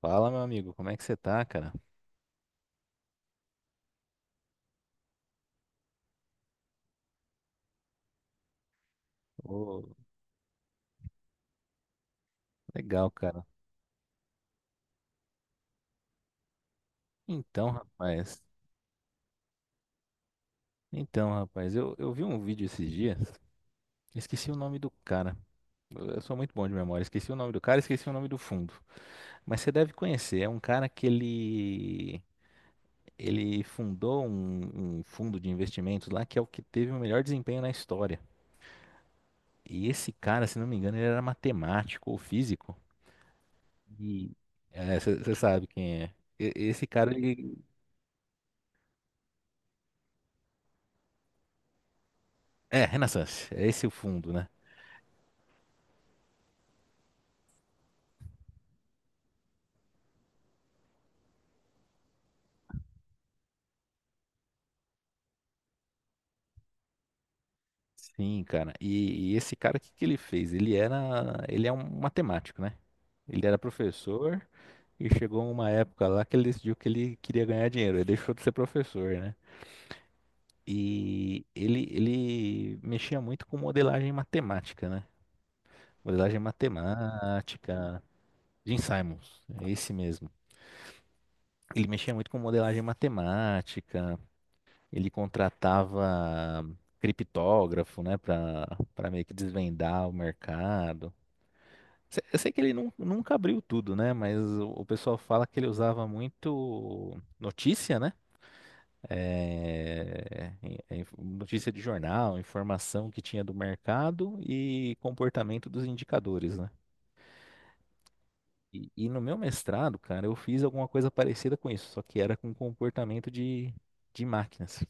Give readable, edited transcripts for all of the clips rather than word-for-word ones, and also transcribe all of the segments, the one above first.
Fala, meu amigo, como é que você tá, cara? Ô, legal, cara. Então, rapaz. Então, rapaz, eu vi um vídeo esses dias, esqueci o nome do cara. Eu sou muito bom de memória, esqueci o nome do cara, esqueci o nome do fundo. Mas você deve conhecer, é um cara que ele fundou um fundo de investimentos lá que é o que teve o melhor desempenho na história. E esse cara, se não me engano, ele era matemático ou físico. E você sabe quem é. Esse cara, é, Renaissance, é esse o fundo, né? Sim, cara. E esse cara, o que que ele fez? Ele é um matemático, né? Ele era professor e chegou uma época lá que ele decidiu que ele queria ganhar dinheiro. Ele deixou de ser professor, né? E ele mexia muito com modelagem matemática, né? Modelagem matemática. Jim Simons, é esse mesmo. Ele mexia muito com modelagem matemática. Ele contratava criptógrafo, né, para meio que desvendar o mercado. Eu sei que ele nunca abriu tudo, né, mas o pessoal fala que ele usava muito notícia, né, notícia de jornal, informação que tinha do mercado e comportamento dos indicadores, né. E no meu mestrado, cara, eu fiz alguma coisa parecida com isso, só que era com comportamento de máquinas.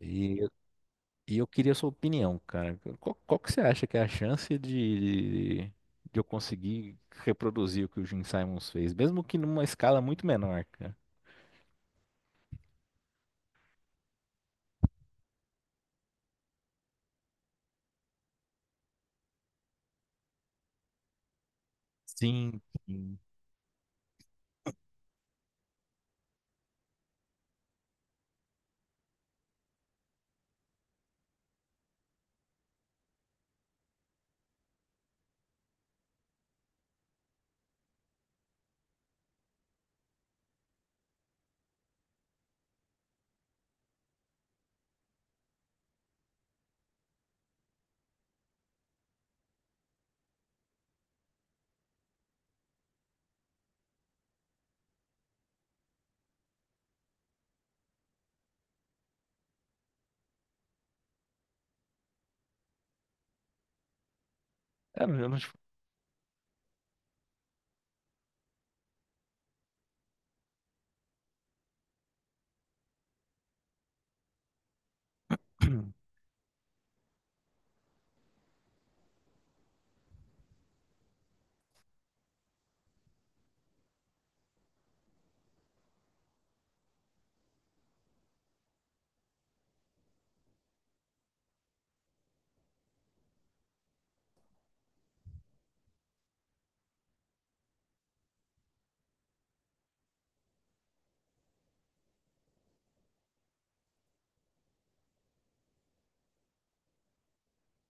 E E eu queria a sua opinião, cara. Qual, qual que você acha que é a chance de eu conseguir reproduzir o que o Gene Simons fez, mesmo que numa escala muito menor, cara? Sim, sim. Ah, eu não-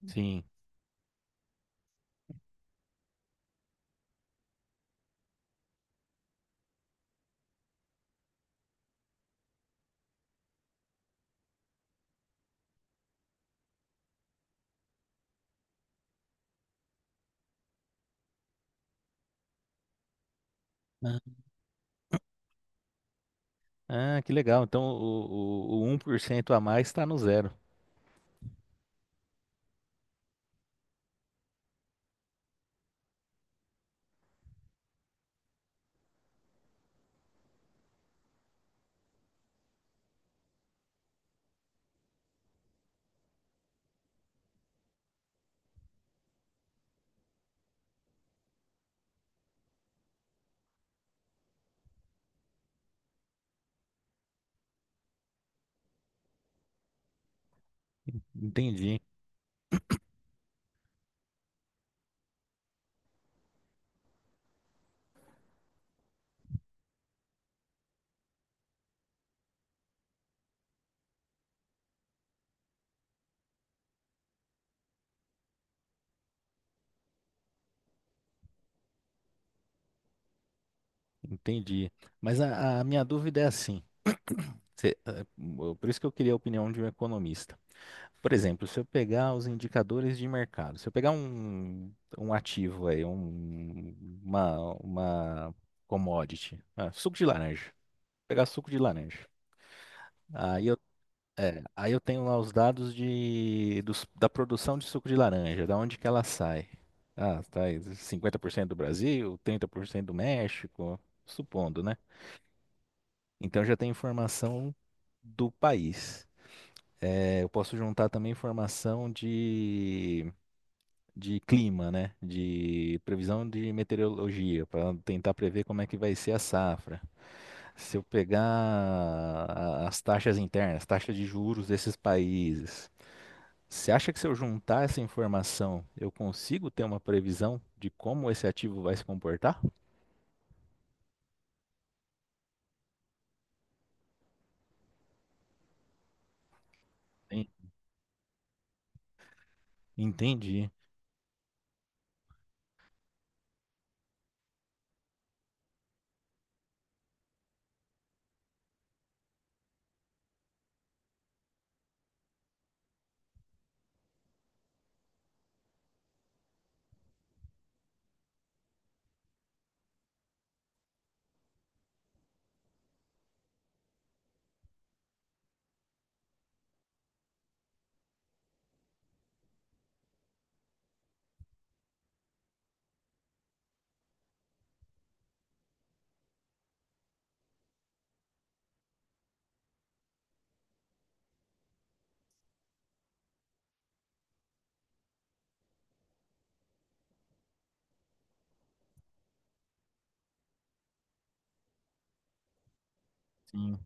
Sim. Ah, ah, que legal. Então o 1% a mais está no zero. Entendi. Entendi. Mas a minha dúvida é assim. cê- eh, por isso que eu queria a opinião de um economista. Por exemplo, se eu pegar os indicadores de mercado, se eu pegar um ativo aí, uma commodity, ah, suco de laranja, pegar suco de laranja. Aí eu, aí eu tenho lá os dados da produção de suco de laranja, da onde que ela sai. Ah, tá aí, 50% do Brasil, 30% do México, supondo, né? Então já tem informação do país. É, eu posso juntar também informação de clima, né? De previsão de meteorologia, para tentar prever como é que vai ser a safra. Se eu pegar as taxas internas, taxas de juros desses países, você acha que se eu juntar essa informação, eu consigo ter uma previsão de como esse ativo vai se comportar? Sim. Entendi. Sim.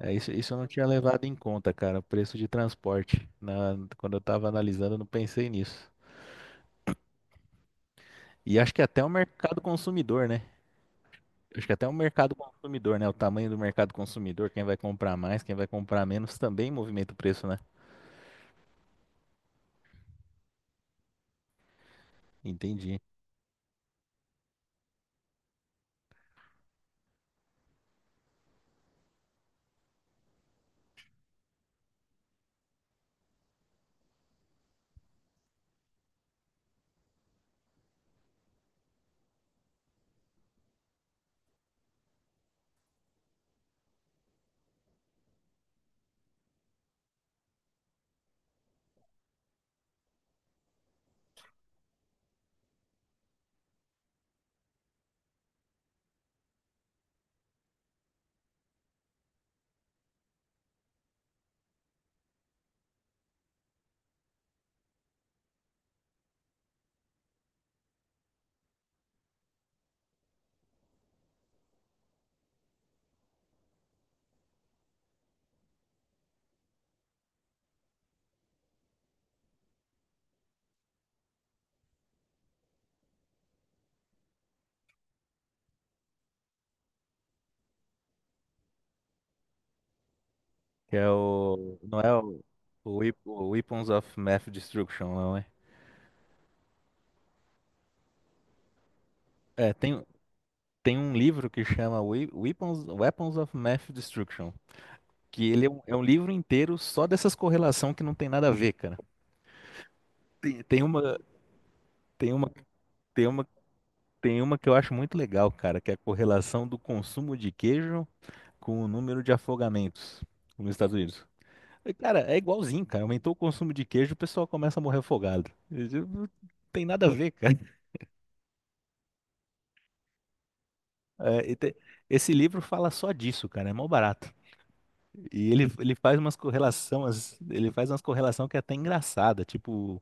É, isso eu não tinha levado em conta, cara, o preço de transporte. Quando eu tava analisando, eu não pensei nisso. E acho que é até o mercado consumidor, né? Acho que é até o mercado consumidor, né? O tamanho do mercado consumidor, quem vai comprar mais, quem vai comprar menos, também movimenta o preço, né? Entendi. Que é o. Não é o Weapons of Math Destruction, não é? É, tem, tem um livro que chama Weapons of Math Destruction. Que ele é um livro inteiro só dessas correlação que não tem nada a ver, cara. Tem, tem uma. Tem uma, tem uma, tem uma que eu acho muito legal, cara, que é a correlação do consumo de queijo com o número de afogamentos nos Estados Unidos. E, cara, é igualzinho, cara. Aumentou o consumo de queijo, o pessoal começa a morrer afogado. E, tipo, não tem nada a ver, cara. É, e te- esse livro fala só disso, cara. É mó barato. E ele faz umas correlações, ele faz umas correlação que é até engraçada, tipo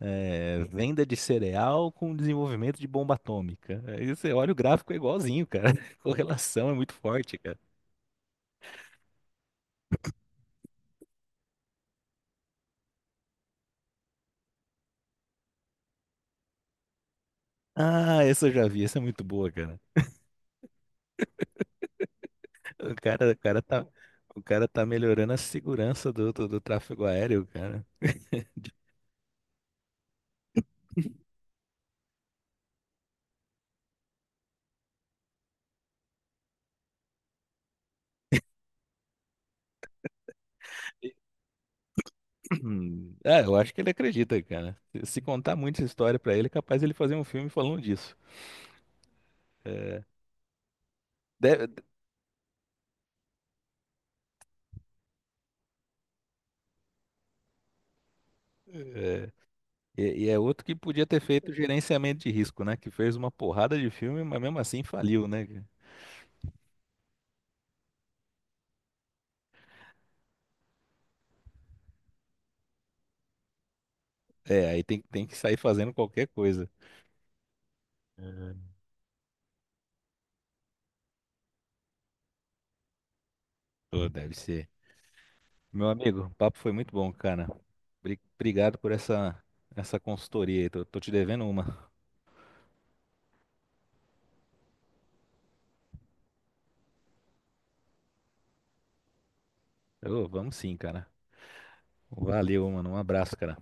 é, venda de cereal com desenvolvimento de bomba atômica. Aí você olha o gráfico é igualzinho, cara. Correlação é muito forte, cara. Ah, essa eu já vi, essa é muito boa, cara. O cara, o cara tá, o cara tá melhorando a segurança do tráfego aéreo, cara. De- É, eu acho que ele acredita, cara. Se se contar muita história pra ele, é capaz ele fazer um filme falando disso. É, deve- e é outro que podia ter feito gerenciamento de risco, né? Que fez uma porrada de filme, mas mesmo assim faliu, né, cara? É, aí tem, tem que sair fazendo qualquer coisa. É. Pô, deve ser. Meu amigo, o papo foi muito bom, cara. Obrigado por essa, essa consultoria aí. Tô, tô te devendo uma. Ô, vamos sim, cara. Valeu, mano. Um abraço, cara.